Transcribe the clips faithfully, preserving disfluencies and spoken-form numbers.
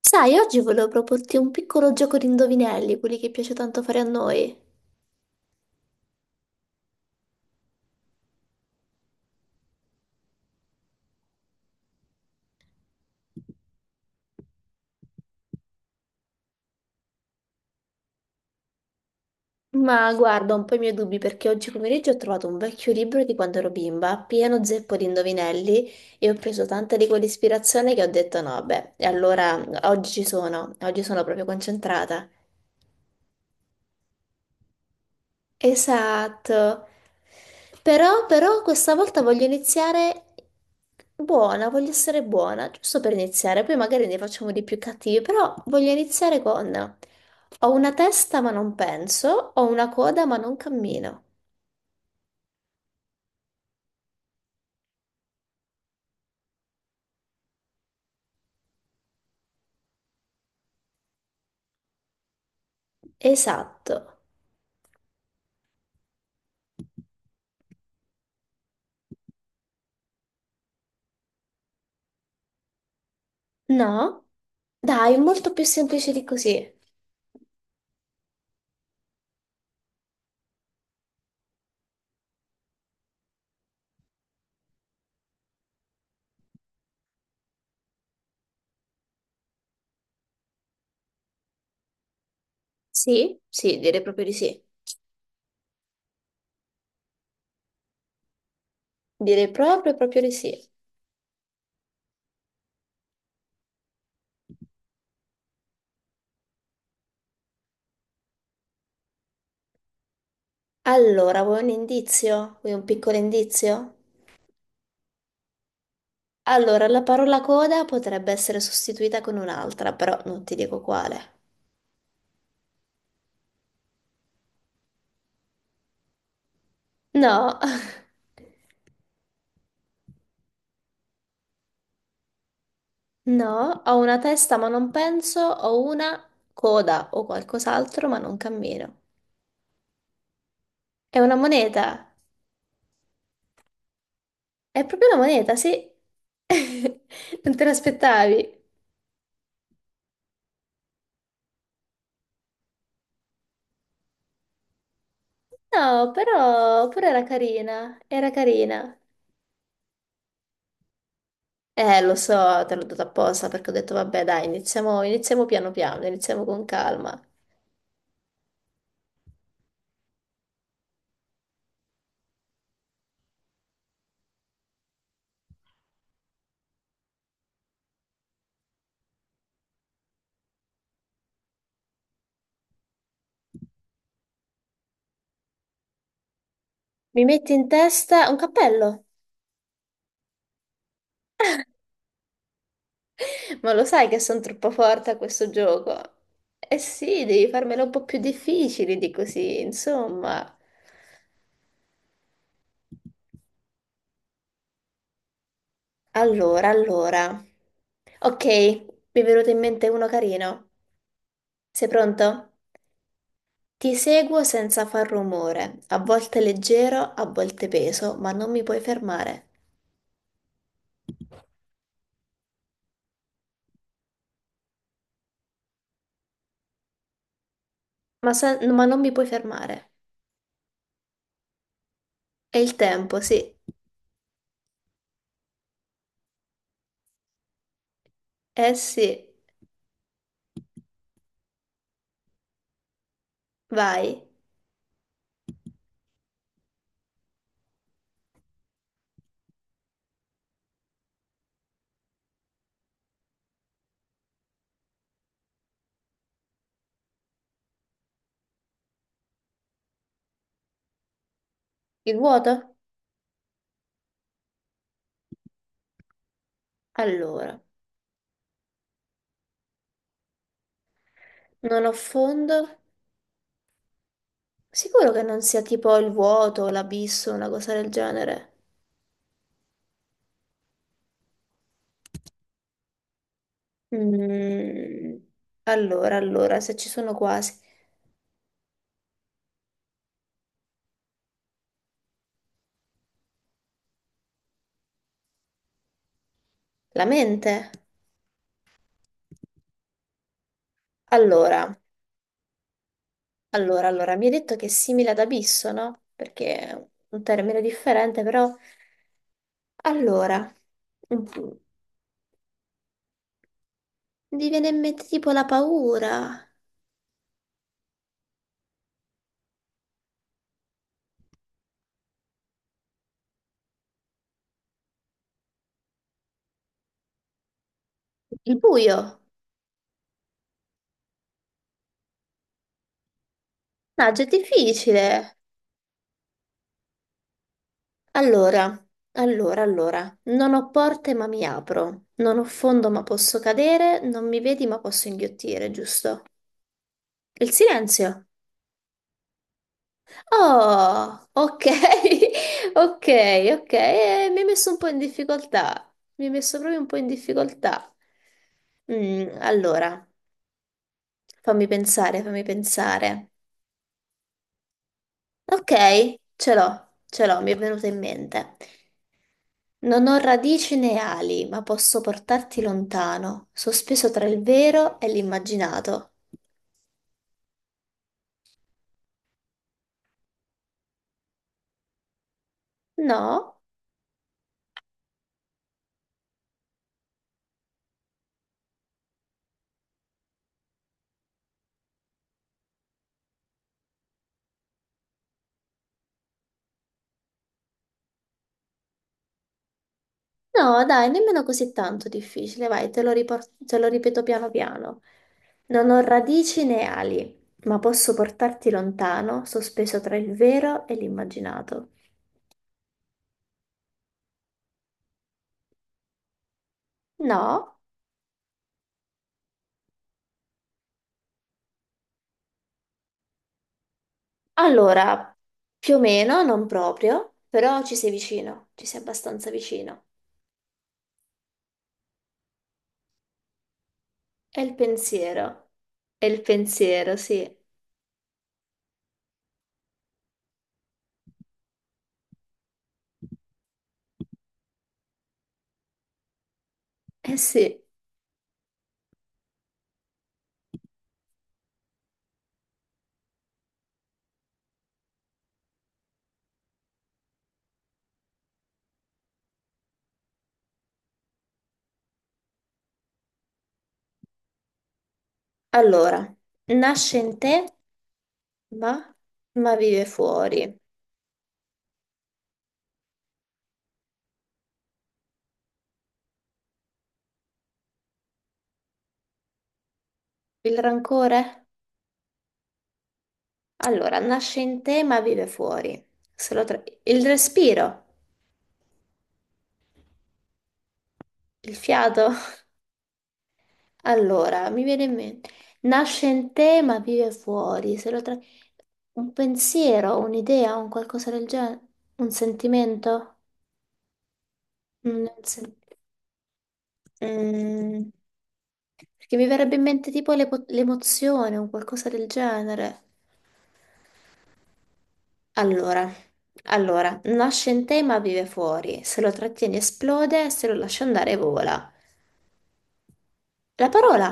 Sai, oggi volevo proporti un piccolo gioco di indovinelli, quelli che piace tanto fare a noi. Ma guarda, ho un po' i miei dubbi perché oggi pomeriggio ho trovato un vecchio libro di quando ero bimba, pieno zeppo di indovinelli, e ho preso tanta di quell'ispirazione che ho detto no, beh, e allora oggi ci sono, oggi sono proprio concentrata. Esatto. Però, però questa volta voglio iniziare buona, voglio essere buona, giusto per iniziare, poi magari ne facciamo di più cattivi, però voglio iniziare con ho una testa ma non penso, ho una coda ma non cammino. Esatto. No? Dai, molto più semplice di così. Sì? Sì, direi proprio di sì. Direi proprio proprio di sì. Allora, vuoi un indizio? Vuoi un piccolo indizio? Allora, la parola coda potrebbe essere sostituita con un'altra, però non ti dico quale. No, no, ho una testa ma non penso, ho una coda o qualcos'altro ma non cammino. È una moneta, è proprio una moneta, sì. Non te l'aspettavi? No, però, però era carina, era carina. Eh, lo so, te l'ho dato apposta perché ho detto, vabbè, dai, iniziamo, iniziamo piano piano, iniziamo con calma. Mi metti in testa un cappello? Ma lo sai che sono troppo forte a questo gioco? Eh sì, devi farmelo un po' più difficile di così, insomma. Allora, allora. Ok, mi è venuto in mente uno carino. Sei pronto? Ti seguo senza far rumore, a volte leggero, a volte peso, ma non mi puoi fermare. Ma, sa- ma non mi puoi fermare. È il tempo, sì. Eh sì, vai. Il vuoto? Allora, non ho fondo. Sicuro che non sia tipo il vuoto, l'abisso, una cosa del genere? Mm, allora, allora, se ci sono quasi. La mente? Allora, allora, allora, mi hai detto che è simile ad abisso, no? Perché è un termine differente, però... Allora, mm, mi viene in mente tipo la paura, il buio. No, è difficile. Allora, allora, allora, non ho porte ma mi apro, non ho fondo ma posso cadere, non mi vedi ma posso inghiottire, giusto? Il silenzio. Oh, ok, ok, ok, eh, mi hai messo un po' in difficoltà, mi hai messo proprio un po' in difficoltà. Mm, allora, fammi pensare, fammi pensare. Ok, ce l'ho, ce l'ho, mi è venuta in mente. Non ho radici né ali, ma posso portarti lontano, sospeso tra il vero e l'immaginato. No, no, dai, nemmeno così tanto difficile, vai, te lo ripor- te lo ripeto piano piano. Non ho radici né ali, ma posso portarti lontano, sospeso tra il vero e l'immaginato. No, allora, più o meno, non proprio, però ci sei vicino, ci sei abbastanza vicino. È il pensiero, è il pensiero, sì. Eh sì. Allora, nasce in te, ma, ma vive fuori. Il rancore? Allora, nasce in te, ma vive fuori. Se lo tra- Il respiro, il fiato. Allora, mi viene in mente, nasce in te ma vive fuori, se lo tra- un pensiero, un'idea, un qualcosa del genere, un sentimento? Mm, non sen- mm, perché mi verrebbe in mente tipo l'epo- l'emozione, un qualcosa del genere. Allora, allora, nasce in te ma vive fuori, se lo trattieni esplode, se lo lasci andare vola. La parola,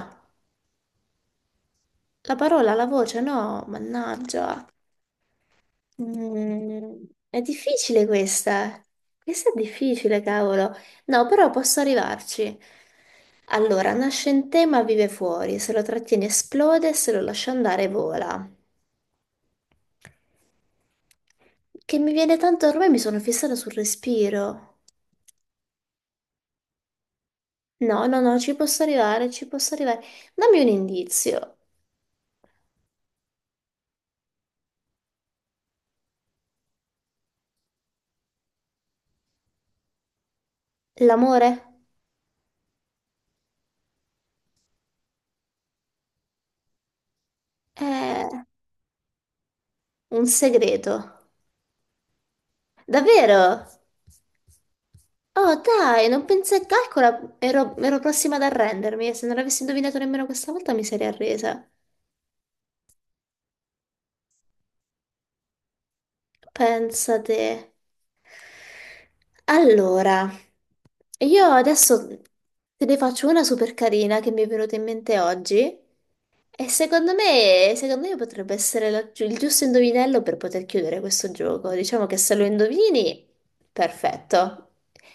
la parola, la voce, no, mannaggia. Mm, è difficile questa. Questa è difficile, cavolo. No, però posso arrivarci. Allora, nasce in te ma vive fuori. Se lo trattiene esplode, se lo lascia andare vola. Che mi viene tanto, ormai mi sono fissata sul respiro. No, no, no, ci posso arrivare, ci posso arrivare. Dammi un indizio. L'amore è un segreto. Davvero? Oh dai, non pensavo, calcola, ero, ero prossima ad arrendermi e se non avessi indovinato nemmeno questa volta mi sarei arresa. Pensate. Allora, io adesso te ne faccio una super carina che mi è venuta in mente oggi e secondo me, secondo me potrebbe essere la- il giusto indovinello per poter chiudere questo gioco. Diciamo che se lo indovini, perfetto.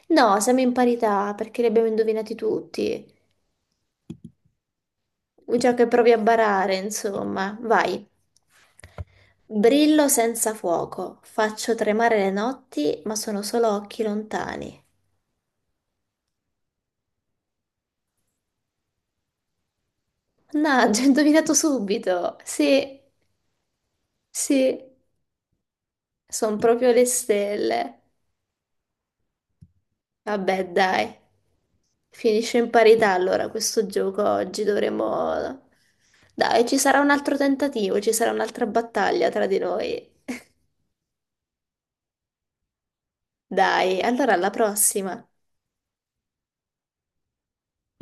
No, siamo in parità perché li abbiamo indovinati tutti. Già che provi a barare, insomma, vai. Brillo senza fuoco, faccio tremare le notti, ma sono solo occhi lontani. Mannaggia, ho indovinato subito. Sì, sì, sono proprio le stelle. Vabbè, dai. Finisce in parità allora questo gioco oggi, dovremo... Dai, ci sarà un altro tentativo, ci sarà un'altra battaglia tra di noi. Dai, allora alla prossima.